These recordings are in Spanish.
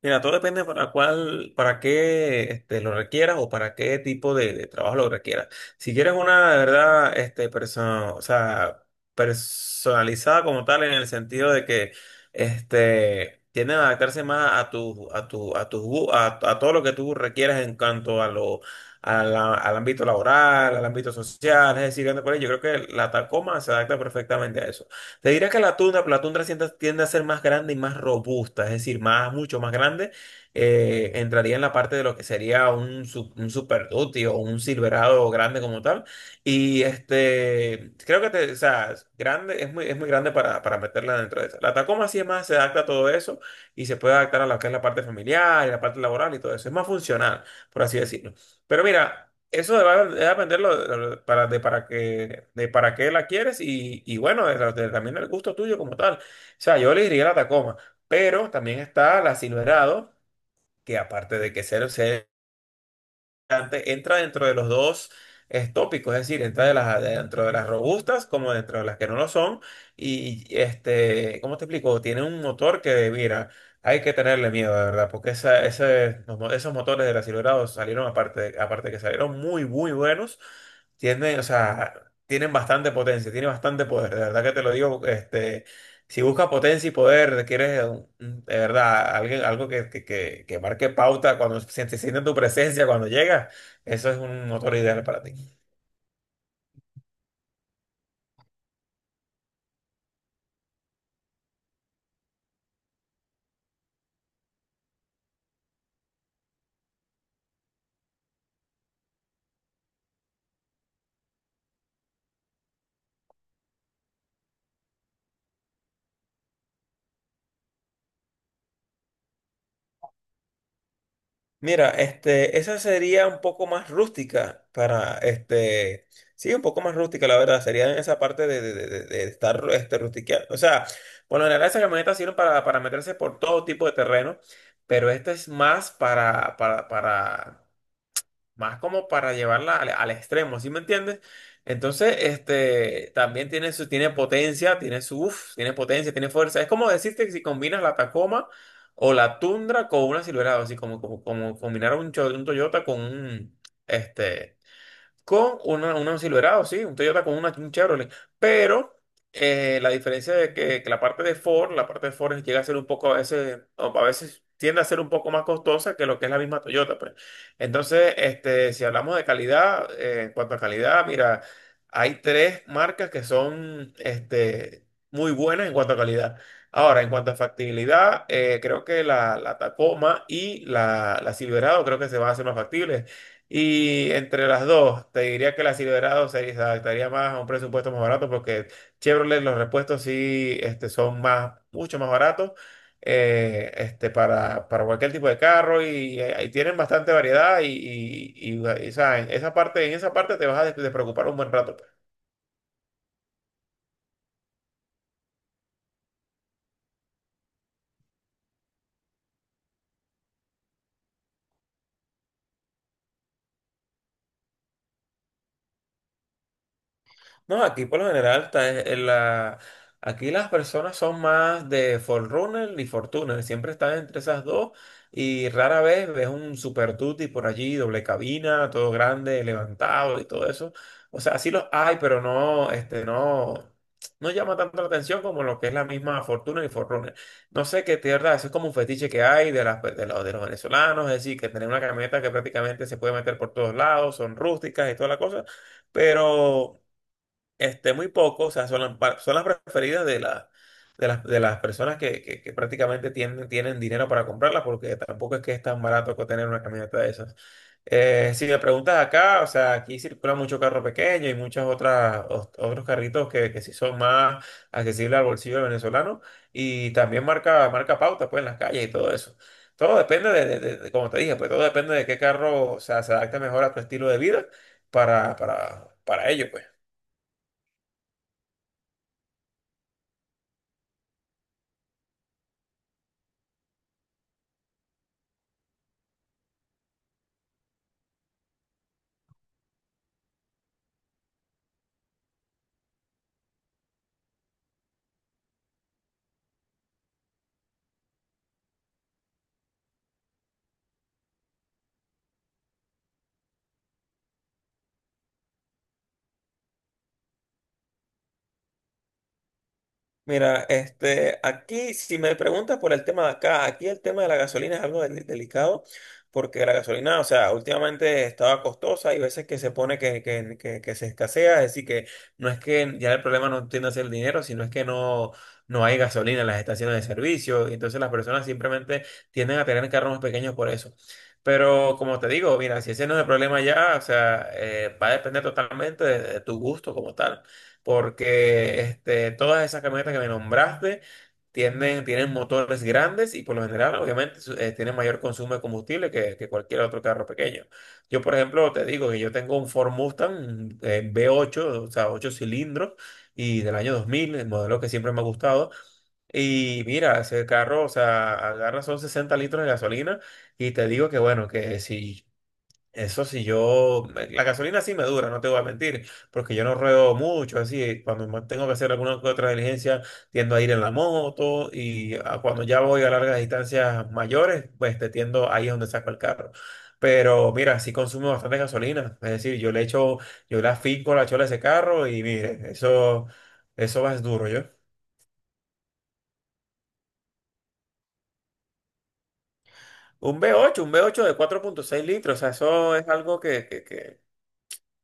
Mira, todo depende para cuál, para qué lo requieras o para qué tipo de trabajo lo requieras. Si quieres una, de verdad, personalizada como tal, en el sentido de que tienden a adaptarse más a tu, a tu, a tu, gu- a todo lo que tú requieras en cuanto a lo, al ámbito laboral, al ámbito social, es decir, ando por ahí, yo creo que la Tacoma se adapta perfectamente a eso. Te diría que la Tundra, pero la Tundra tiende a ser más grande y más robusta, es decir, mucho más grande. Entraría en la parte de lo que sería un Super Duty o un Silverado grande como tal. Y creo que te, o sea, es grande, es muy grande para meterla dentro de esa. La Tacoma sí se adapta a todo eso y se puede adaptar a lo que es la parte familiar y la parte laboral y todo eso. Es más funcional, por así decirlo. Pero mira, eso va a dependerlo de para que de para qué la quieres y bueno, también del gusto tuyo como tal. O sea, yo le diría la Tacoma, pero también está la Silverado, que aparte de que entra dentro de los dos tópicos, es decir, dentro de las robustas como dentro de las que no lo son. Y ¿cómo te explico? Tiene un motor que, mira, hay que tenerle miedo, de verdad, porque esa, ese- los mo- esos motores del acelerado salieron, aparte que salieron muy, muy buenos, tienen, o sea, tienen bastante potencia, tienen bastante poder, de verdad que te lo digo. Si buscas potencia y poder, quieres de verdad algo que marque pauta cuando se siente tu presencia, cuando llegas, eso es un motor ideal para ti. Mira, esa sería un poco más rústica para, sí, un poco más rústica, la verdad, sería en esa parte de estar rustiqueando. O sea, por lo general esas camionetas sirven para meterse por todo tipo de terreno, pero esta es más para más como para llevarla al extremo, ¿sí me entiendes? Entonces, también tiene potencia, tiene potencia, tiene fuerza. Es como decirte que si combinas la Tacoma o la Tundra con una Silverado, así como combinar un Toyota con este, con una Silverado, sí, un Toyota con un Chevrolet. Pero la diferencia de que la parte de Ford llega a ser un poco a veces, o a veces tiende a ser un poco más costosa que lo que es la misma Toyota, pues. Entonces, si hablamos de calidad, en cuanto a calidad, mira, hay tres marcas que son muy buenas en cuanto a calidad. Ahora, en cuanto a factibilidad, creo que la Tacoma y la Silverado creo que se van a hacer más factibles. Y entre las dos, te diría que la Silverado se adaptaría más a un presupuesto más barato porque Chevrolet los repuestos sí son mucho más baratos para cualquier tipo de carro y, ahí tienen bastante variedad en esa parte te vas a despreocupar un buen rato. No, aquí por lo general está Aquí las personas son más de Forerunner y Fortuner, siempre están entre esas dos y rara vez ves un Super Tutti por allí, doble cabina, todo grande, levantado y todo eso. O sea, sí los hay, pero no, no llama tanto la atención como lo que es la misma Fortuner y Forerunner. No sé qué tierra, eso es como un fetiche que hay de los venezolanos, es decir, que tener una camioneta que prácticamente se puede meter por todos lados, son rústicas y toda la cosa, pero... Muy poco, o sea, son las preferidas de las personas que prácticamente tienen dinero para comprarlas, porque tampoco es que es tan barato que tener una camioneta de esas. Si me preguntas acá, o sea, aquí circula mucho carro pequeño y otros carritos que sí son más accesibles al bolsillo del venezolano y también marca pauta pues, en las calles y todo eso. Todo depende como te dije, pues todo depende de qué carro, o sea, se adapte mejor a tu estilo de vida para ello, pues. Mira, aquí, si me preguntas por el tema de acá, aquí el tema de la gasolina es algo delicado, porque la gasolina, o sea, últimamente estaba costosa y veces que se pone que se escasea, es decir, que no es que ya el problema no tiende a ser el dinero, sino es que no hay gasolina en las estaciones de servicio, y entonces las personas simplemente tienden a tener carros más pequeños por eso. Pero como te digo, mira, si ese no es el problema ya, o sea, va a depender totalmente de tu gusto como tal porque todas esas camionetas que me nombraste tienen motores grandes y por lo general, obviamente, tienen mayor consumo de combustible que cualquier otro carro pequeño. Yo, por ejemplo, te digo que yo tengo un Ford Mustang V8, o sea, 8 cilindros y del año 2000, el modelo que siempre me ha gustado. Y mira, ese carro, o sea, agarra son 60 litros de gasolina y te digo que bueno, que si eso sí, yo, la gasolina sí me dura, no te voy a mentir, porque yo no ruedo mucho, así, cuando tengo que hacer alguna que otra diligencia, tiendo a ir en la moto cuando ya voy a largas distancias mayores, pues te tiendo ahí es donde saco el carro. Pero mira, sí consumo bastante gasolina, es decir, yo le afinco la chola a ese carro y mire, eso va es duro, yo. Un V8 de 4.6 litros, o sea, eso es algo que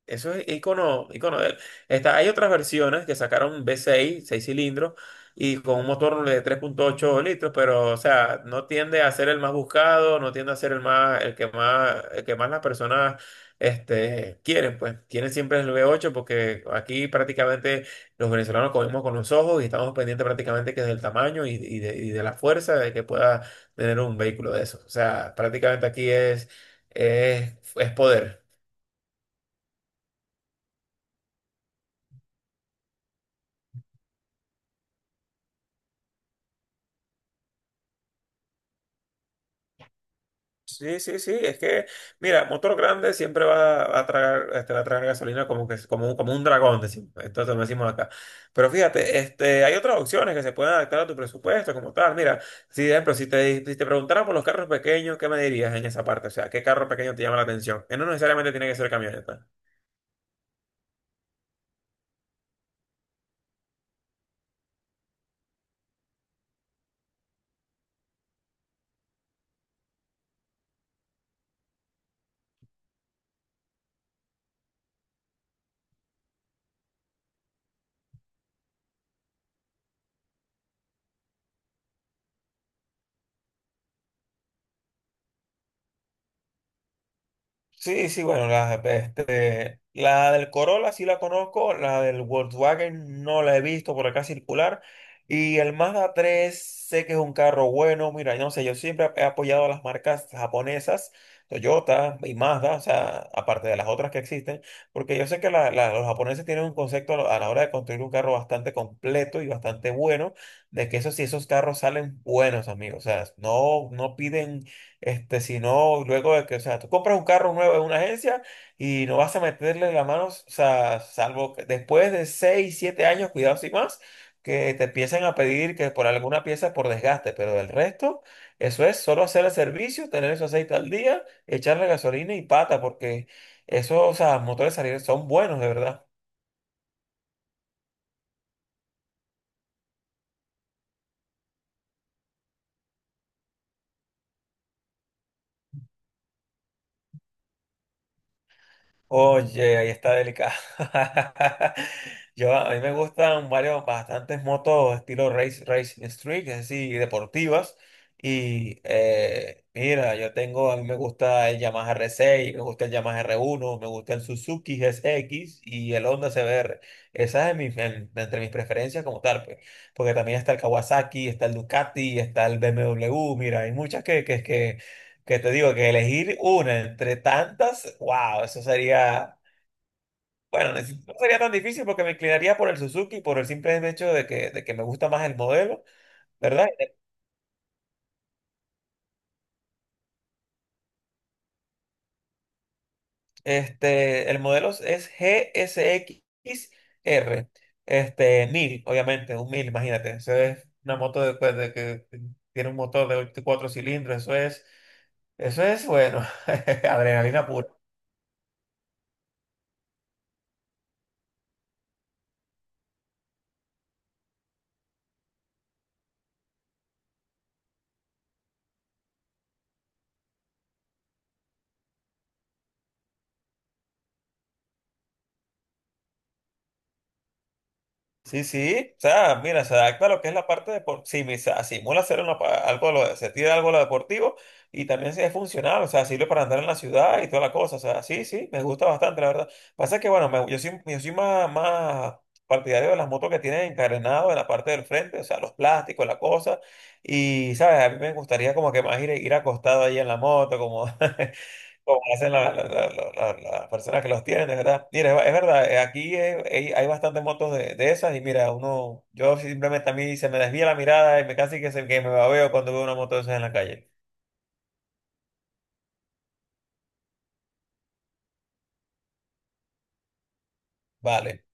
Eso es icono, icono de él. Hay otras versiones que sacaron V6, seis cilindros, y con un motor de 3.8 litros, pero, o sea, no tiende a ser el más buscado, no tiende a ser el más, el que más, el que más las personas, quieren, pues. Quieren siempre el V8 porque aquí prácticamente los venezolanos comemos con los ojos y estamos pendientes prácticamente que del tamaño y de la fuerza de que pueda tener un vehículo de esos. O sea, prácticamente aquí es poder. Sí, sí, sí, es que, mira, motor grande siempre va a tragar, va a tragar gasolina como un dragón, decimos, entonces lo decimos acá. Pero fíjate, hay otras opciones que se pueden adaptar a tu presupuesto como tal. Mira, si, por ejemplo, si te preguntara por los carros pequeños, ¿qué me dirías en esa parte? O sea, ¿qué carro pequeño te llama la atención? Que no necesariamente tiene que ser camioneta. Sí, sí, bueno, la del Corolla sí la conozco, la del Volkswagen no la he visto por acá circular y el Mazda 3 sé que es un carro bueno, mira, yo no sé, yo siempre he apoyado a las marcas japonesas, Toyota y Mazda, o sea, aparte de las otras que existen, porque yo sé que los japoneses tienen un concepto a la hora de construir un carro bastante completo y bastante bueno, de que eso sí, esos carros salen buenos, amigos, o sea, no piden si no, luego de que, o sea, tú compras un carro nuevo en una agencia y no vas a meterle las manos, o sea, salvo que después de 6 7 años, cuidado sin más, que te empiezan a pedir que por alguna pieza por desgaste, pero del resto, eso es solo hacer el servicio, tener ese aceite al día, echarle gasolina y pata, porque esos, o sea, motores salieron son buenos, de verdad. Oye, ahí está delicado. Yo, a mí me gustan bastantes motos estilo race, race street, es decir, deportivas. Y mira, a mí me gusta el Yamaha R6, me gusta el Yamaha R1, me gusta el Suzuki GSX y el Honda CBR. Esa es entre mis preferencias como tal, pues. Porque también está el Kawasaki, está el Ducati, está el BMW. Mira, hay muchas que te digo que elegir una entre tantas, wow, eso sería, bueno, no sería tan difícil porque me inclinaría por el Suzuki por el simple hecho de que me gusta más el modelo, ¿verdad? El modelo es GSX-R, 1000 obviamente, un 1000 imagínate. Eso es una moto de que tiene un motor de 4 cilindros, eso es, bueno, adrenalina Sí, sí, o sea, mira, se adapta a lo que es la parte deportiva, simula hacer algo, se tira algo a lo deportivo y también sí es funcional, o sea, sirve para andar en la ciudad y toda la cosa, o sea, sí, sí, me gusta bastante, la verdad. Pasa que, bueno, yo soy más partidario de las motos que tienen encarenado en la parte del frente, o sea, los plásticos, la cosa, y, ¿sabes? A mí me gustaría como que más ir acostado ahí en la moto, como, como hacen las personas que los tienen, de verdad. Mira, es verdad, aquí hay bastantes motos de esas y mira, yo simplemente a mí se me desvía la mirada y me casi que, que me babeo cuando veo una moto de esas en la calle. Vale.